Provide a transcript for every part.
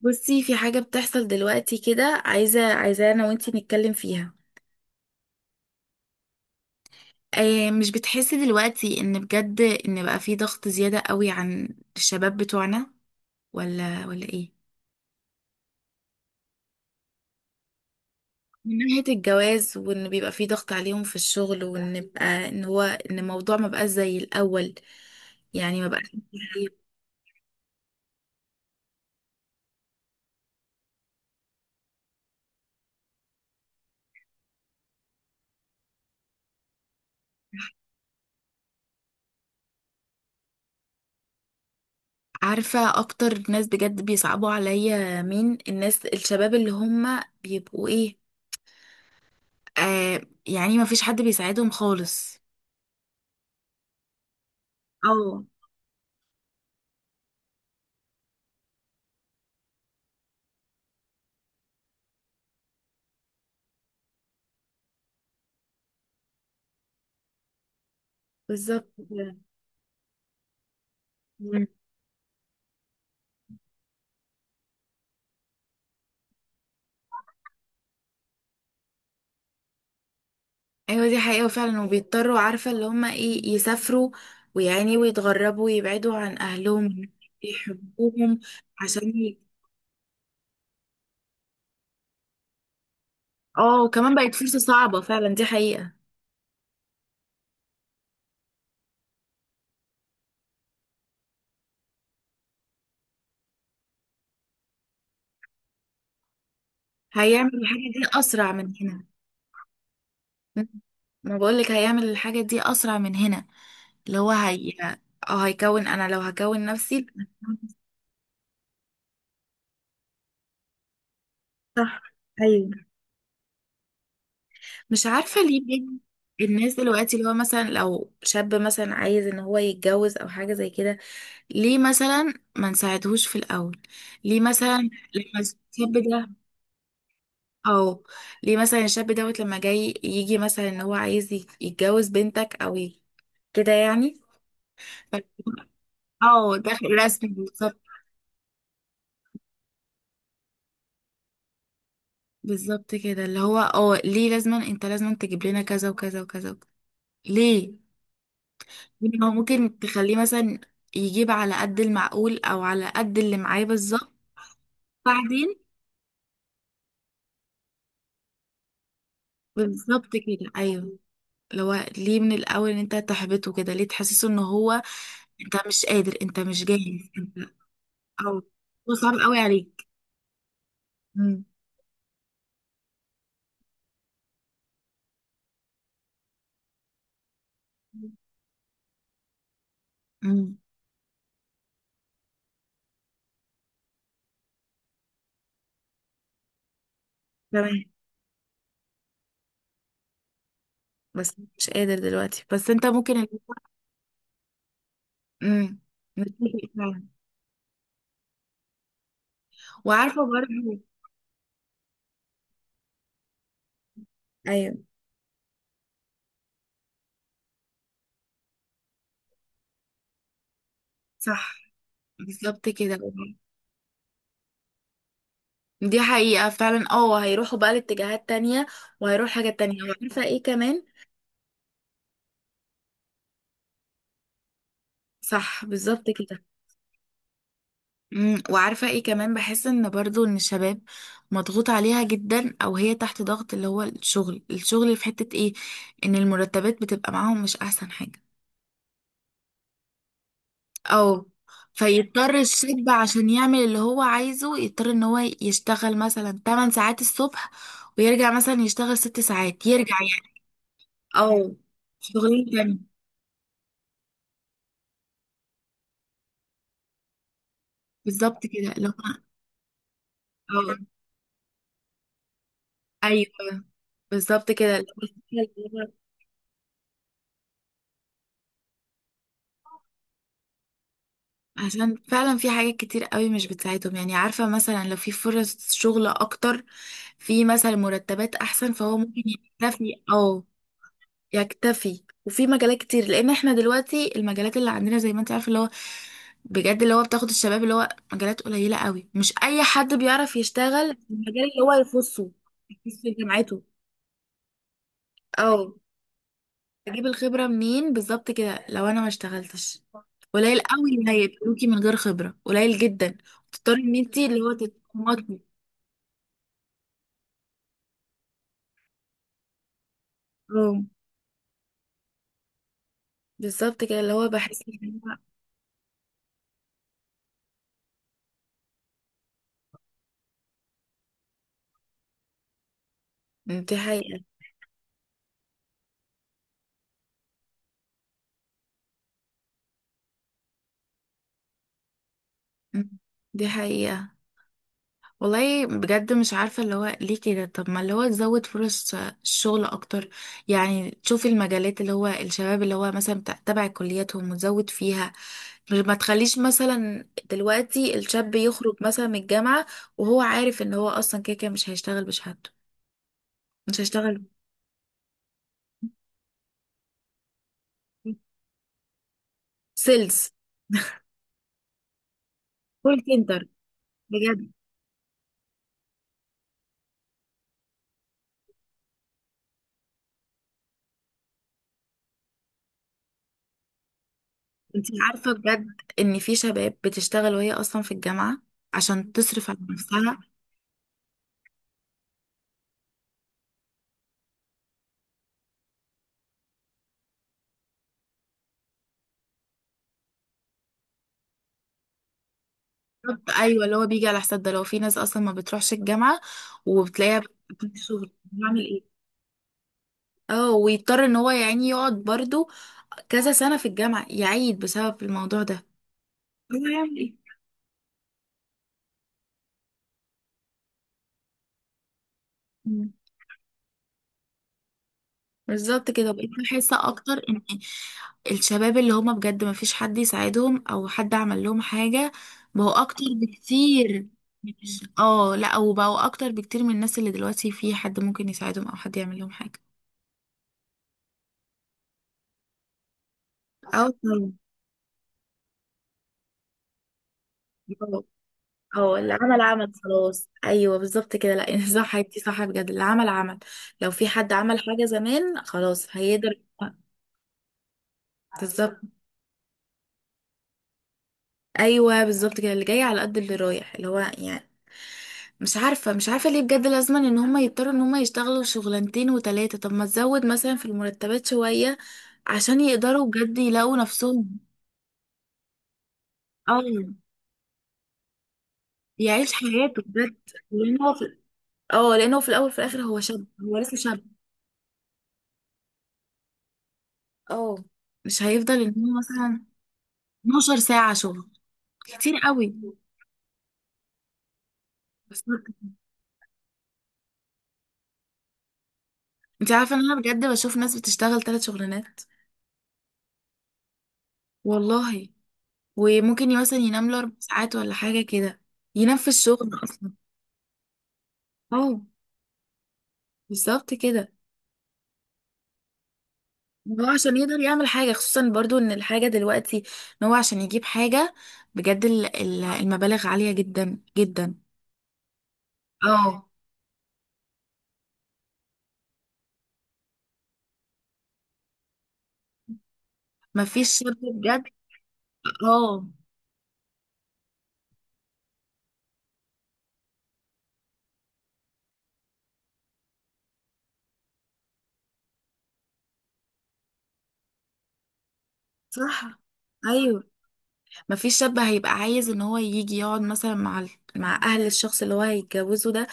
بصي، في حاجة بتحصل دلوقتي كده. عايزة أنا وأنتي نتكلم فيها. آه مش بتحسي دلوقتي إن بجد إن بقى في ضغط زيادة قوي عن الشباب بتوعنا، ولا إيه؟ من ناحية الجواز، وإن بيبقى في ضغط عليهم في الشغل، وإن بقى إن الموضوع ما بقاش زي الأول، يعني ما بقاش. عارفة أكتر ناس بجد بيصعبوا عليا مين؟ الناس الشباب اللي هم بيبقوا إيه، آه. يعني ما فيش حد بيساعدهم خالص. اه، بالظبط كده. مم. ايوه، دي حقيقة فعلا. وبيضطروا، عارفة اللي هما ايه، يسافروا ويعني ويتغربوا ويبعدوا عن اهلهم يحبوهم. عشان ي- اه، وكمان بقت فرصة صعبة فعلا، دي حقيقة. هيعمل الحاجة دي اسرع من هنا. مم. ما بقولك هيعمل الحاجة دي اسرع من هنا. اللي هو هي، اه هيكون، انا لو هكون نفسي. صح. ايوه. مش عارفة ليه بين الناس دلوقتي، اللي هو مثلا لو شاب مثلا عايز ان هو يتجوز او حاجة زي كده، ليه مثلا ما نساعدهوش في الاول؟ ليه مثلا لما الشاب ده، او ليه مثلا الشاب دوت لما جاي يجي مثلا ان هو عايز يتجوز بنتك او كده يعني؟ ف- اه، داخل رسمي بالظبط. بالظبط كده، اللي هو ليه لازما انت لازما تجيب لنا كذا وكذا وكذا وكذا؟ ليه؟ يعني هو ممكن تخليه مثلا يجيب على قد المعقول او على قد اللي معاه بالظبط، بعدين. بالظبط كده، ايوه. لو ليه من الاول ان انت تحبطه كده؟ ليه تحسسه ان هو انت مش قادر، انت مش جاهز، انت، او هو صعب قوي عليك؟ امم امم تمام. بس مش قادر دلوقتي، بس انت ممكن. امم نتفق فعلا. وعارفه برضه، ايوه صح، بالظبط كده. دي حقيقة فعلا. اه هيروحوا بقى لاتجاهات تانية، وهيروح حاجات تانية. وعارفة ايه كمان؟ صح، بالظبط كده. وعارفة ايه كمان، بحس ان برضو ان الشباب مضغوط عليها جدا، او هي تحت ضغط. اللي هو الشغل في حتة ايه؟ ان المرتبات بتبقى معاهم مش احسن حاجة. او فيضطر الشاب عشان يعمل اللي هو عايزه، يضطر ان هو يشتغل مثلا 8 ساعات الصبح، ويرجع مثلا يشتغل 6 ساعات، يرجع يعني، او شغلين تاني. بالظبط كده. لو اه، ايوه بالظبط كده. اللي هو الفكرة اللي هو عشان فعلا في حاجات كتير قوي مش بتساعدهم. يعني عارفة مثلا لو في فرص شغل اكتر، في مثلا مرتبات احسن، فهو ممكن يكتفي. او يكتفي وفي مجالات كتير. لان احنا دلوقتي المجالات اللي عندنا، زي ما انت عارفة، اللي هو بجد اللي هو بتاخد الشباب، اللي هو مجالات قليلة قوي. مش اي حد بيعرف يشتغل في المجال اللي هو يخص جامعته. اه، اجيب الخبرة منين؟ بالظبط كده، لو انا ما اشتغلتش. قليل قوي اللي هيقبلوكي من غير خبرة، قليل جدا. تضطري ان انتي اللي هو تتمطي، اه. بالظبط كده، اللي هو بحس ان دي حقيقة. أمم، دي حقيقة. والله بجد مش عارفة اللي هو ليه كده. طب ما اللي هو تزود فرص الشغل أكتر، يعني تشوف المجالات اللي هو الشباب اللي هو مثلا تبع كلياتهم، وتزود فيها. ما تخليش مثلا دلوقتي الشاب يخرج مثلا من الجامعة، وهو عارف ان هو أصلا كده كده مش هيشتغل بشهادته. مش هيشتغل. سيلز، كول سنتر، بجد. انت عارفة بجد ان في شباب بتشتغل وهي أصلا في الجامعة عشان تصرف على نفسها. بالظبط، ايوه. اللي هو بيجي على حساب ده. لو في ناس اصلا ما بتروحش الجامعه، وبتلاقيها بتدي شغل، هعمل ايه؟ اه، ويضطر ان هو يعني يقعد برضو كذا سنه في الجامعه، يعيد بسبب الموضوع ده. هو هيعمل ايه؟ مم. بالظبط كده. بقيت بحس اكتر ان الشباب اللي هما بجد ما فيش حد يساعدهم او حد عمل لهم حاجه، بقوا اكتر بكتير. اه لا، وبقوا اكتر بكتير من الناس اللي دلوقتي في حد ممكن يساعدهم او حد يعمل لهم حاجه. اه، طبعاً. هو اللي عمل عمل خلاص، ايوه بالظبط كده. لا صح، انتي صح بجد. اللي عمل عمل. لو في حد عمل حاجه زمان، خلاص هيقدر. بالظبط. ايوه، بالظبط كده، اللي جاي على قد اللي رايح. اللي هو يعني، مش عارفه ليه بجد لازم ان هم يضطروا ان هم يشتغلوا شغلانتين وتلاته؟ طب ما تزود مثلا في المرتبات شويه عشان يقدروا بجد يلاقوا نفسهم. اه، يعيش حياته بجد. لان هو في اه لانه في الاول في الاخر هو لسه شاب. اه، مش هيفضل ان هو مثلا 12 ساعة شغل. كتير قوي. بس انت عارفة ان انا بجد بشوف ناس بتشتغل 3 شغلانات؟ والله. وممكن مثلا ينام له 4 ساعات ولا حاجة كده. ينام في الشغل اصلا. اه، بالظبط كده. هو عشان يقدر يعمل حاجة، خصوصا برضو ان الحاجة دلوقتي، ان هو عشان يجيب حاجة بجد، المبالغ عالية جدا جدا. اه. مفيش شاب بجد. اه صح. ايوه، مفيش شاب هيبقى عايز ان هو يجي يقعد مثلا مع مع اهل الشخص اللي هو هيتجوزه ده،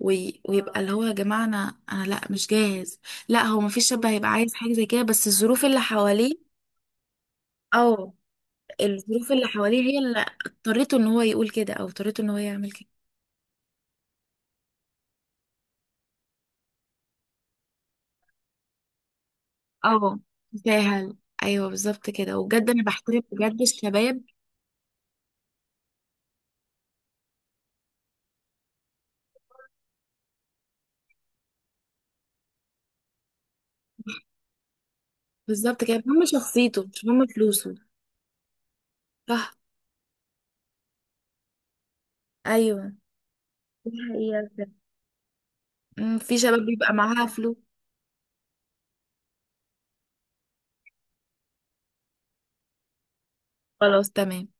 ويبقى اللي هو، يا جماعه انا انا لا مش جاهز. لا، هو مفيش شاب هيبقى عايز حاجه زي كده، بس الظروف اللي حواليه. اه الظروف اللي حواليه هي اللي اضطرته ان هو يقول كده، او اضطرته ان هو يعمل كده. اه، سهل. ايوه بالظبط كده. وبجد انا بحترم بجد الشباب. بالظبط كده، هم شخصيته مش هم فلوسه. صح. ايوه، دي حقيقة بجد. في شباب بيبقى معاها فلوس. خلاص، تمام.